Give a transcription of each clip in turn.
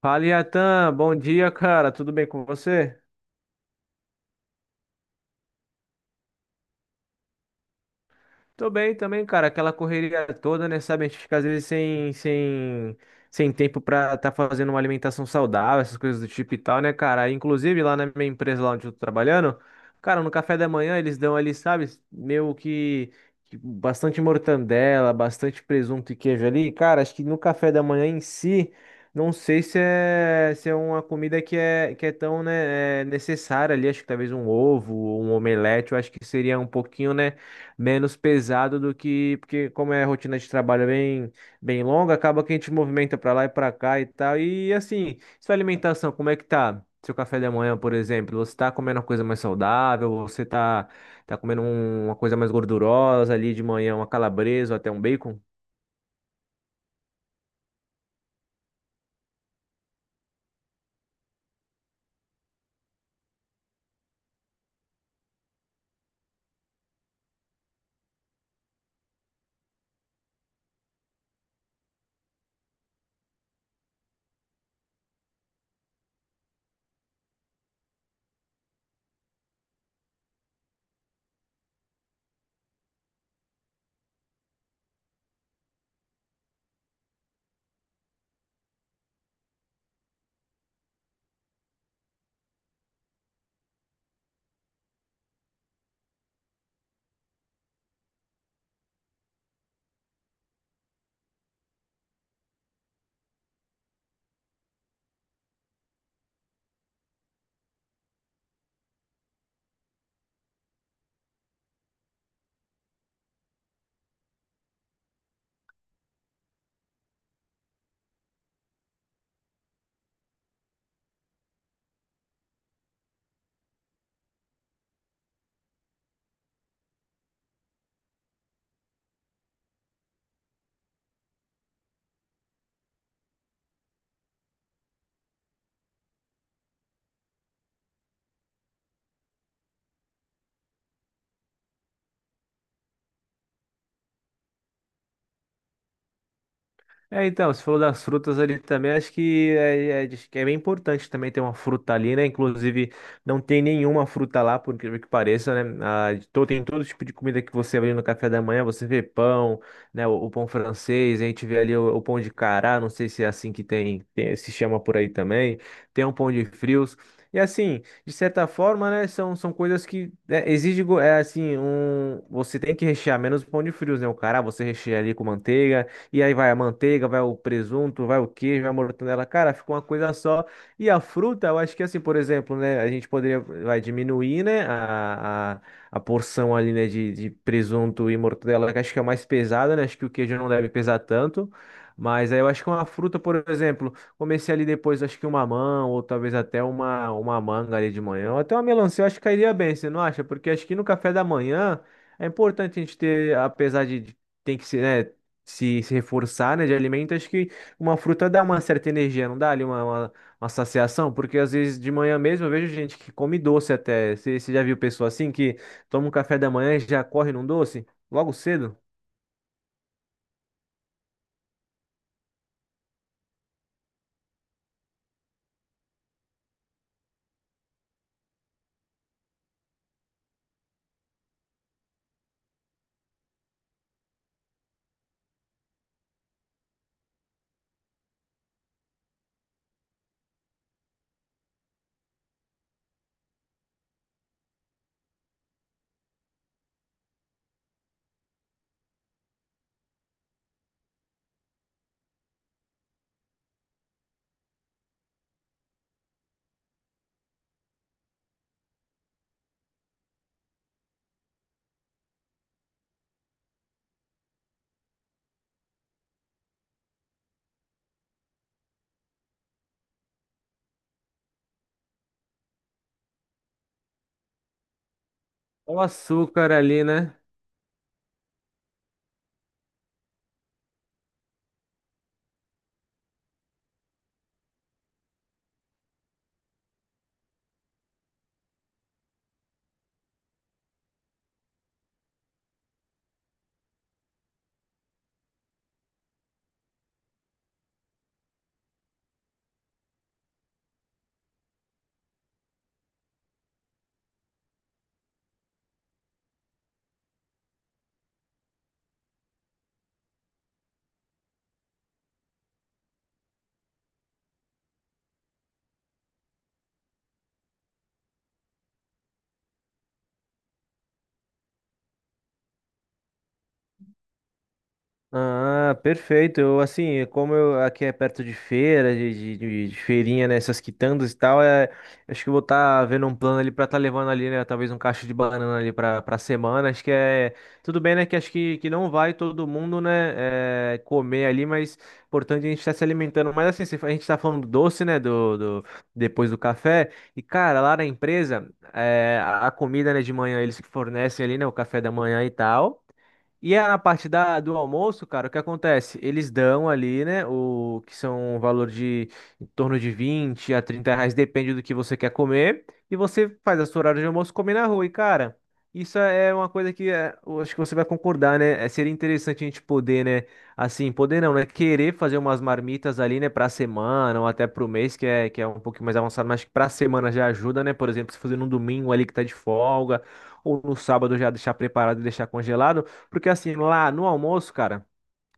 Fala, Iatan, bom dia, cara. Tudo bem com você? Tô bem também, cara. Aquela correria toda, né? Sabe, a gente fica às vezes sem tempo pra tá fazendo uma alimentação saudável, essas coisas do tipo e tal, né, cara? Inclusive, lá na minha empresa, lá onde eu tô trabalhando, cara, no café da manhã eles dão ali, sabe, meio que, bastante mortandela, bastante presunto e queijo ali. Cara, acho que no café da manhã em si, não sei se é uma comida que é tão, né, é necessária ali. Acho que talvez um ovo, um omelete, eu acho que seria um pouquinho, né, menos pesado do que, porque como é a rotina de trabalho bem longa, acaba que a gente movimenta para lá e para cá e tal. E assim, sua alimentação, como é que tá? Seu café da manhã, por exemplo, você tá comendo uma coisa mais saudável, você tá comendo uma coisa mais gordurosa ali de manhã, uma calabresa ou até um bacon? É, então, você falou das frutas ali também, acho que diz que é bem importante também ter uma fruta ali, né? Inclusive, não tem nenhuma fruta lá, por incrível que pareça, né? Ah, tem todo tipo de comida que você vê no café da manhã, você vê pão, né? O pão francês, a gente vê ali o pão de cará, não sei se é assim que se chama por aí também, tem um pão de frios. E assim, de certa forma, né, são coisas que né, exige, é assim, um, você tem que rechear menos o pão de frios, né? O cará você recheia ali com manteiga, e aí vai a manteiga, vai o presunto, vai o queijo, vai a mortadela. Cara, fica uma coisa só. E a fruta, eu acho que assim, por exemplo, né? A gente poderia vai diminuir, né? A porção ali, né, de presunto e mortadela, que acho que é mais pesada, né? Acho que o queijo não deve pesar tanto. Mas aí eu acho que uma fruta, por exemplo, comecei ali depois, acho que uma mamão, ou talvez até uma manga ali de manhã, ou até uma melancia, eu acho que cairia bem, você não acha? Porque acho que no café da manhã é importante a gente ter, apesar tem que ser, né, se reforçar, né, de alimento, acho que uma fruta dá uma certa energia, não dá ali uma saciação, porque às vezes de manhã mesmo eu vejo gente que come doce até. Você já viu pessoa assim que toma um café da manhã e já corre num doce? Logo cedo? Olha o açúcar ali, né? Ah, perfeito. Eu, assim, como eu, aqui é perto de feira, de feirinha, né? Essas quitandas e tal, é, acho que eu vou estar vendo um plano ali pra estar levando ali, né? Talvez um cacho de banana ali pra semana. Acho que é. Tudo bem, né? Que acho que não vai todo mundo, né, é, comer ali, mas é importante a gente estar se alimentando. Mas assim, se a gente tá falando do doce, né? Depois do café. E, cara, lá na empresa, é, a comida, né, de manhã, eles que fornecem ali, né? O café da manhã e tal. E é na parte da, do almoço, cara, o que acontece? Eles dão ali, né, o que são um valor de em torno de 20 a 30 reais, depende do que você quer comer. E você faz a sua hora de almoço comer na rua. E, cara, isso é uma coisa que é, eu acho que você vai concordar, né? É, seria interessante a gente poder, né, assim, poder não, né, querer fazer umas marmitas ali, né, pra semana ou até pro mês, que é um pouquinho mais avançado, mas que pra semana já ajuda, né? Por exemplo, se fazer num domingo ali que tá de folga, ou no sábado já deixar preparado e deixar congelado. Porque assim, lá no almoço, cara,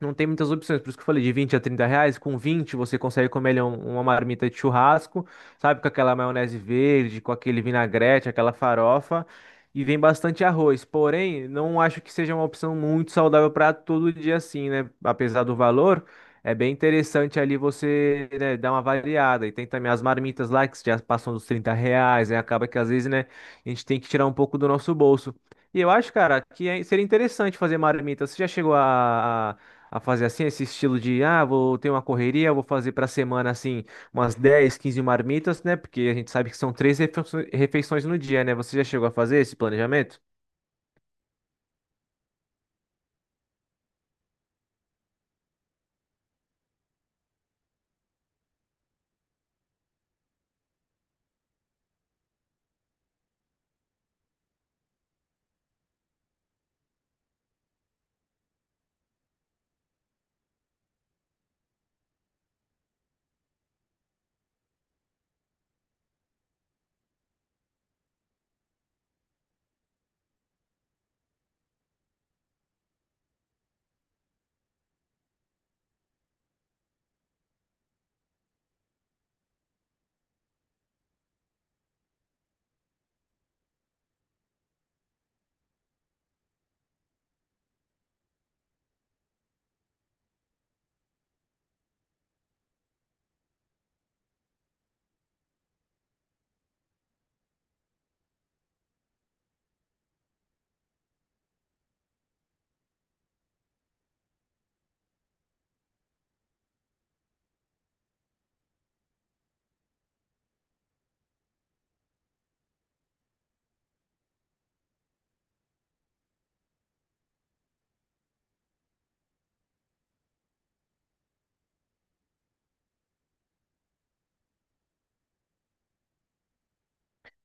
não tem muitas opções, por isso que eu falei de 20 a 30 reais. Com 20 você consegue comer ali uma marmita de churrasco, sabe? Com aquela maionese verde, com aquele vinagrete, aquela farofa. E vem bastante arroz. Porém, não acho que seja uma opção muito saudável para todo dia assim, né? Apesar do valor, é bem interessante ali você, né, dar uma variada. E tem também as marmitas lá que já passam dos 30 reais, né? Acaba que às vezes, né, a gente tem que tirar um pouco do nosso bolso. E eu acho, cara, seria interessante fazer marmita. Você já chegou a fazer assim, esse estilo de, ah, vou ter uma correria, vou fazer para semana assim, umas 10, 15 marmitas, né? Porque a gente sabe que são três refeições no dia, né? Você já chegou a fazer esse planejamento?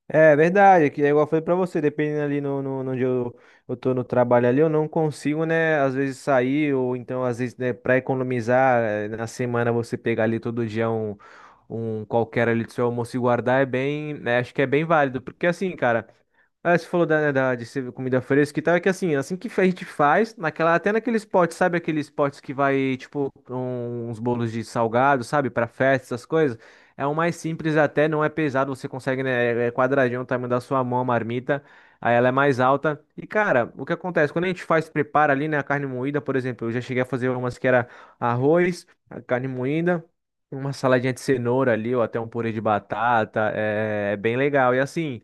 É verdade, é que é igual eu falei pra você, dependendo ali no onde eu tô no trabalho ali, eu não consigo, né, às vezes sair, ou então, às vezes, né, pra economizar, na semana você pegar ali todo dia um qualquer ali do seu almoço e guardar é bem, né, acho que é bem válido, porque assim, cara, ah, você falou da, né, de ser comida fresca e tal, é que assim que a gente faz, naquela, até naqueles potes, sabe aqueles potes que vai, tipo, uns bolos de salgado, sabe, pra festa, essas coisas, é um mais simples até, não é pesado, você consegue, né, é quadradinho o tamanho da sua mão, a marmita, aí ela é mais alta, e cara, o que acontece, quando a gente faz, prepara ali, né, a carne moída, por exemplo, eu já cheguei a fazer umas que era arroz, a carne moída, uma saladinha de cenoura ali, ou até um purê de batata, é bem legal, e assim.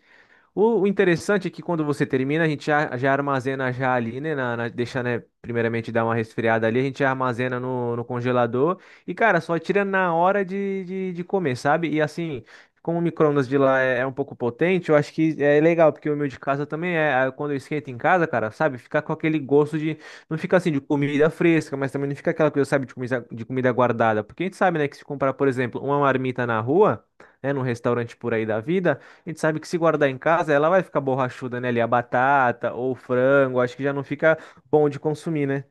O interessante é que quando você termina, a gente já armazena já ali, né? Deixa, né? Primeiramente dar uma resfriada ali, a gente armazena no congelador. E, cara, só tira na hora de comer, sabe? E assim, como o micro-ondas de lá é um pouco potente, eu acho que é legal, porque o meu de casa também é. Aí quando eu esquento em casa, cara, sabe? Fica com aquele gosto de. Não fica assim de comida fresca, mas também não fica aquela coisa, sabe, de comida guardada. Porque a gente sabe, né, que se comprar, por exemplo, uma marmita na rua, né? Num restaurante por aí da vida. A gente sabe que se guardar em casa, ela vai ficar borrachuda, né? Ali a batata ou o frango, acho que já não fica bom de consumir, né?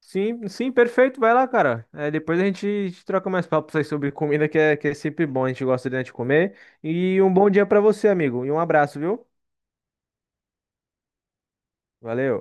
Sim, sim, perfeito, vai lá, cara. É, depois a gente troca mais papos aí sobre comida, que é sempre bom, a gente gosta de, né, de comer. E um bom dia pra você, amigo, e um abraço, viu? Valeu.